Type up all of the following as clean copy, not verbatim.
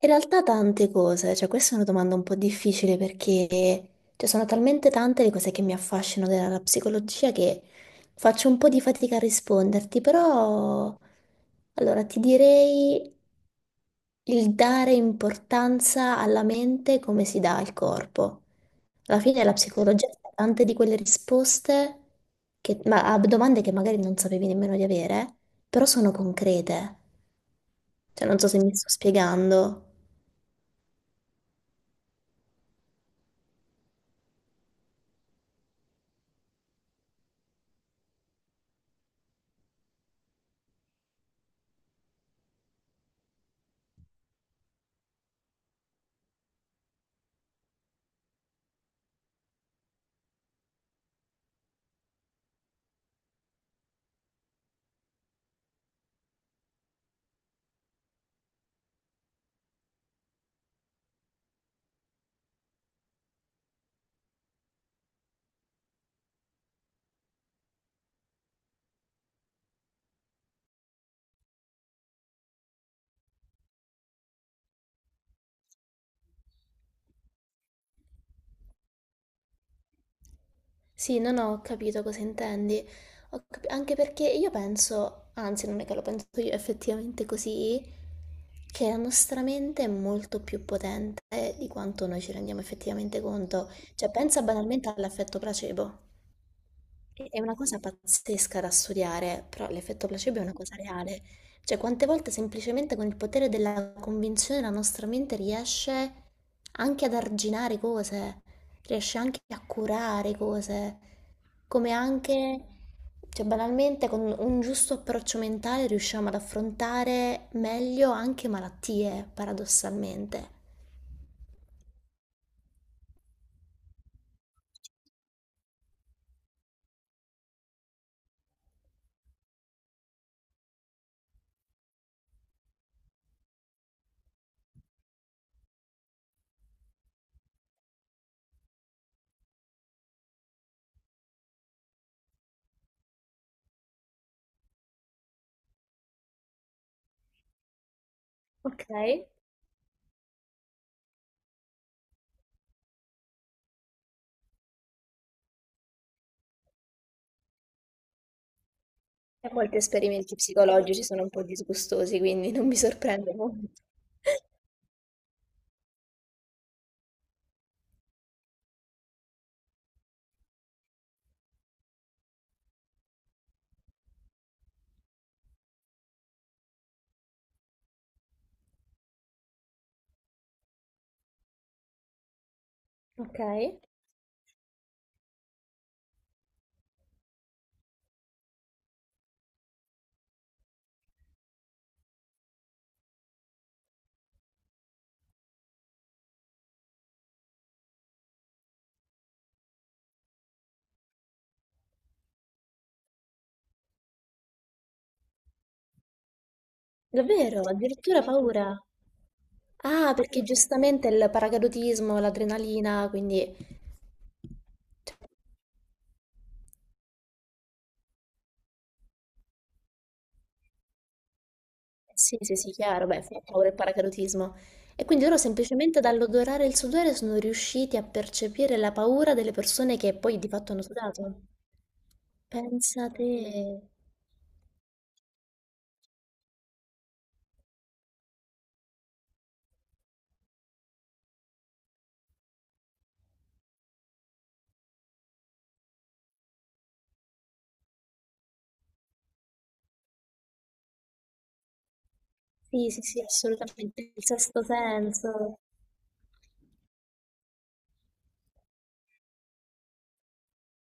In realtà tante cose, cioè questa è una domanda un po' difficile perché cioè, sono talmente tante le cose che mi affascinano della psicologia che faccio un po' di fatica a risponderti, però allora ti direi il dare importanza alla mente come si dà al corpo. Alla fine la psicologia ha tante di quelle risposte ma a domande che magari non sapevi nemmeno di avere, però sono concrete. Cioè non so se mi sto spiegando. Sì, non ho capito cosa intendi. Anche perché io penso, anzi non è che lo penso io, è effettivamente così, che la nostra mente è molto più potente di quanto noi ci rendiamo effettivamente conto. Cioè, pensa banalmente all'effetto placebo. È una cosa pazzesca da studiare, però l'effetto placebo è una cosa reale. Cioè, quante volte semplicemente con il potere della convinzione la nostra mente riesce anche ad arginare cose, riesce anche a curare cose, come anche, cioè, banalmente con un giusto approccio mentale riusciamo ad affrontare meglio anche malattie, paradossalmente. Ok, e molti esperimenti psicologici sono un po' disgustosi, quindi non mi sorprende molto. Ok. Davvero, addirittura paura. Ah, perché giustamente il paracadutismo, l'adrenalina, quindi... Sì, sì, sì, chiaro, beh, fa paura il paracadutismo. E quindi loro semplicemente dall'odorare il sudore sono riusciti a percepire la paura delle persone che poi di fatto hanno sudato. Pensate. Sì, sì, sì, assolutamente. Il sesto senso.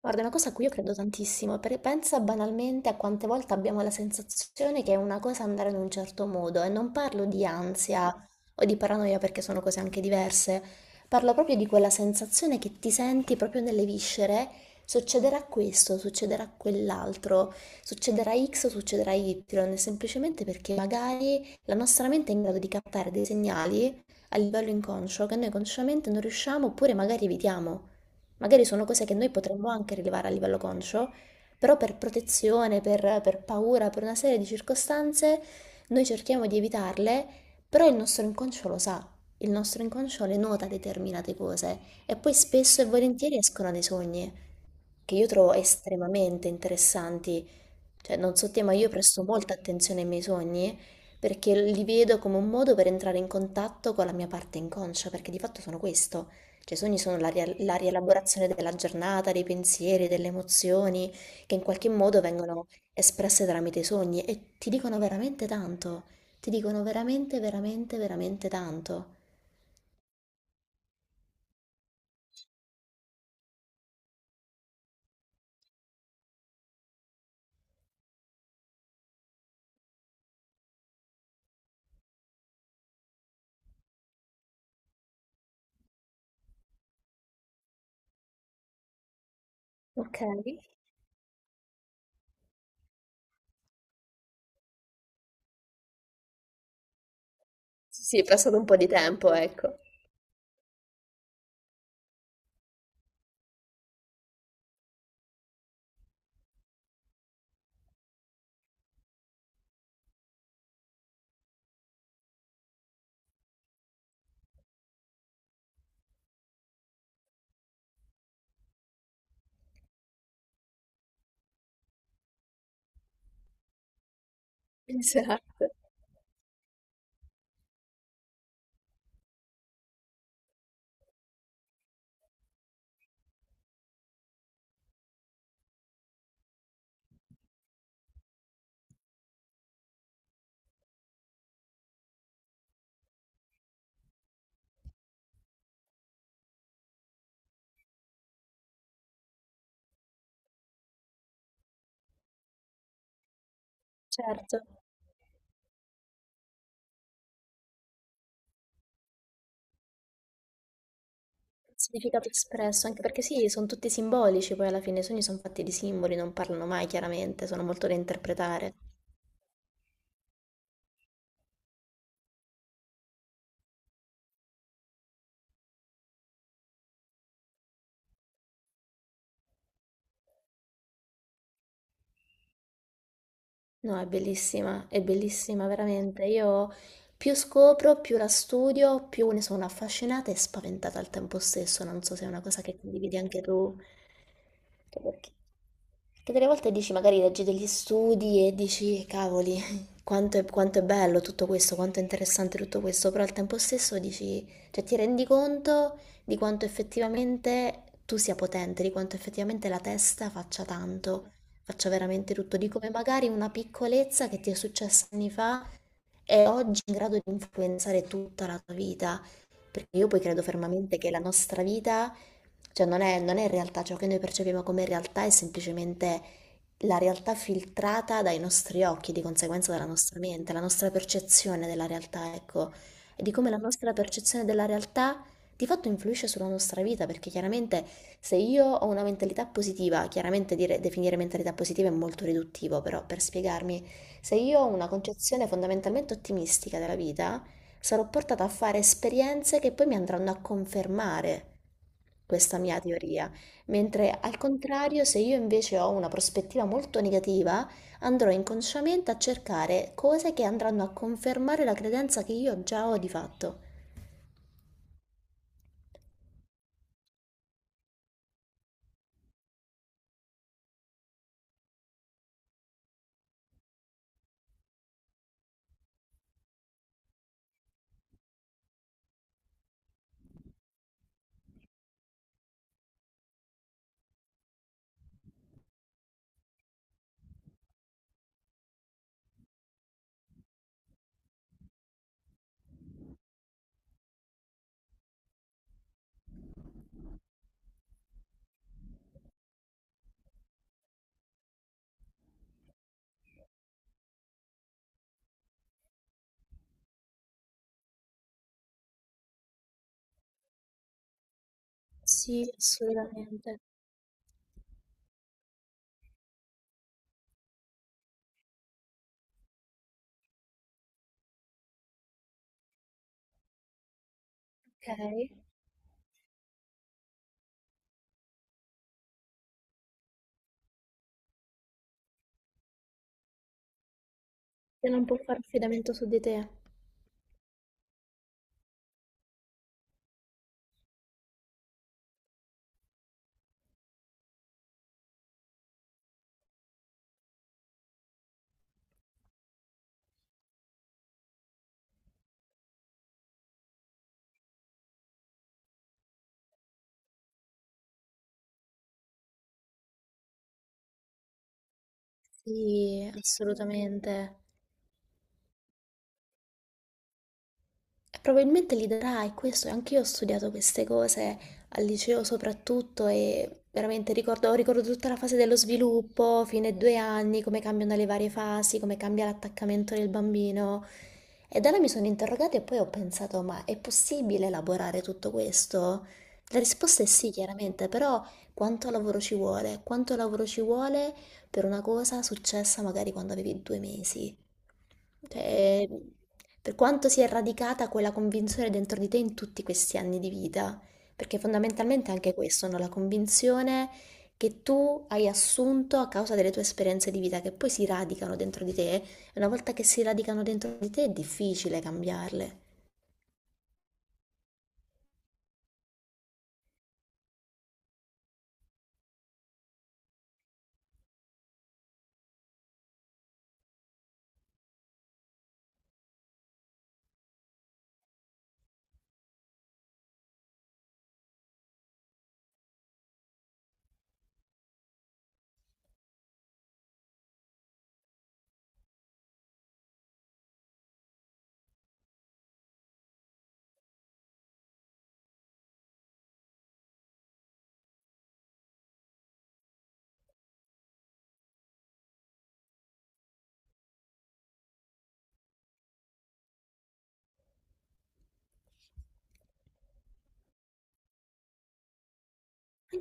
Guarda, è una cosa a cui io credo tantissimo, perché pensa banalmente a quante volte abbiamo la sensazione che è una cosa andare in un certo modo, e non parlo di ansia o di paranoia perché sono cose anche diverse, parlo proprio di quella sensazione che ti senti proprio nelle viscere, succederà questo, succederà quell'altro, succederà X, o succederà Y, semplicemente perché magari la nostra mente è in grado di captare dei segnali a livello inconscio che noi consciamente non riusciamo oppure magari evitiamo. Magari sono cose che noi potremmo anche rilevare a livello conscio, però per protezione, per paura, per una serie di circostanze, noi cerchiamo di evitarle, però il nostro inconscio lo sa, il nostro inconscio le nota determinate cose e poi spesso e volentieri escono dai sogni che io trovo estremamente interessanti. Cioè, non so te, ma io presto molta attenzione ai miei sogni perché li vedo come un modo per entrare in contatto con la mia parte inconscia, perché di fatto sono questo. Cioè, i sogni sono la rielaborazione della giornata, dei pensieri, delle emozioni, che in qualche modo vengono espresse tramite i sogni e ti dicono veramente tanto. Ti dicono veramente, veramente, veramente tanto. Ok. Sì, sì, è passato un po' di tempo, ecco. Esatto, certo. Significato espresso, anche perché sì, sono tutti simbolici, poi alla fine i sogni sono fatti di simboli, non parlano mai chiaramente, sono molto da interpretare. No, è bellissima veramente. Io più scopro, più la studio, più ne sono affascinata e spaventata al tempo stesso. Non so se è una cosa che condividi anche tu. Anche perché, perché delle volte dici, magari leggi degli studi e dici, cavoli, quanto è bello tutto questo, quanto è interessante tutto questo, però al tempo stesso dici, cioè ti rendi conto di quanto effettivamente tu sia potente, di quanto effettivamente la testa faccia tanto, faccia veramente tutto, di come magari una piccolezza che ti è successa anni fa è oggi in grado di influenzare tutta la tua vita, perché io poi credo fermamente che la nostra vita, cioè non è realtà, ciò che noi percepiamo come realtà è semplicemente la realtà filtrata dai nostri occhi, di conseguenza dalla nostra mente, la nostra percezione della realtà, ecco, e di come la nostra percezione della realtà di fatto influisce sulla nostra vita, perché chiaramente se io ho una mentalità positiva, chiaramente definire mentalità positiva è molto riduttivo, però per spiegarmi, se io ho una concezione fondamentalmente ottimistica della vita, sarò portata a fare esperienze che poi mi andranno a confermare questa mia teoria, mentre al contrario, se io invece ho una prospettiva molto negativa, andrò inconsciamente a cercare cose che andranno a confermare la credenza che io già ho di fatto. Sì, assolutamente. Ok? Che non può fare affidamento su di te. Sì, assolutamente. E probabilmente li darai, questo, anche io ho studiato queste cose al liceo soprattutto e veramente ricordo, ricordo tutta la fase dello sviluppo, fine ai 2 anni, come cambiano le varie fasi, come cambia l'attaccamento del bambino. E da là mi sono interrogata e poi ho pensato, ma è possibile elaborare tutto questo? La risposta è sì, chiaramente, però quanto lavoro ci vuole? Quanto lavoro ci vuole per una cosa successa magari quando avevi 2 mesi? Cioè, per quanto sia radicata quella convinzione dentro di te in tutti questi anni di vita, perché fondamentalmente è anche questo, no? La convinzione che tu hai assunto a causa delle tue esperienze di vita, che poi si radicano dentro di te, e una volta che si radicano dentro di te è difficile cambiarle.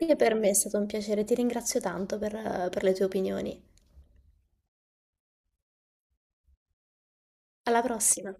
Anche per me è stato un piacere, ti ringrazio tanto per le tue opinioni. Alla prossima!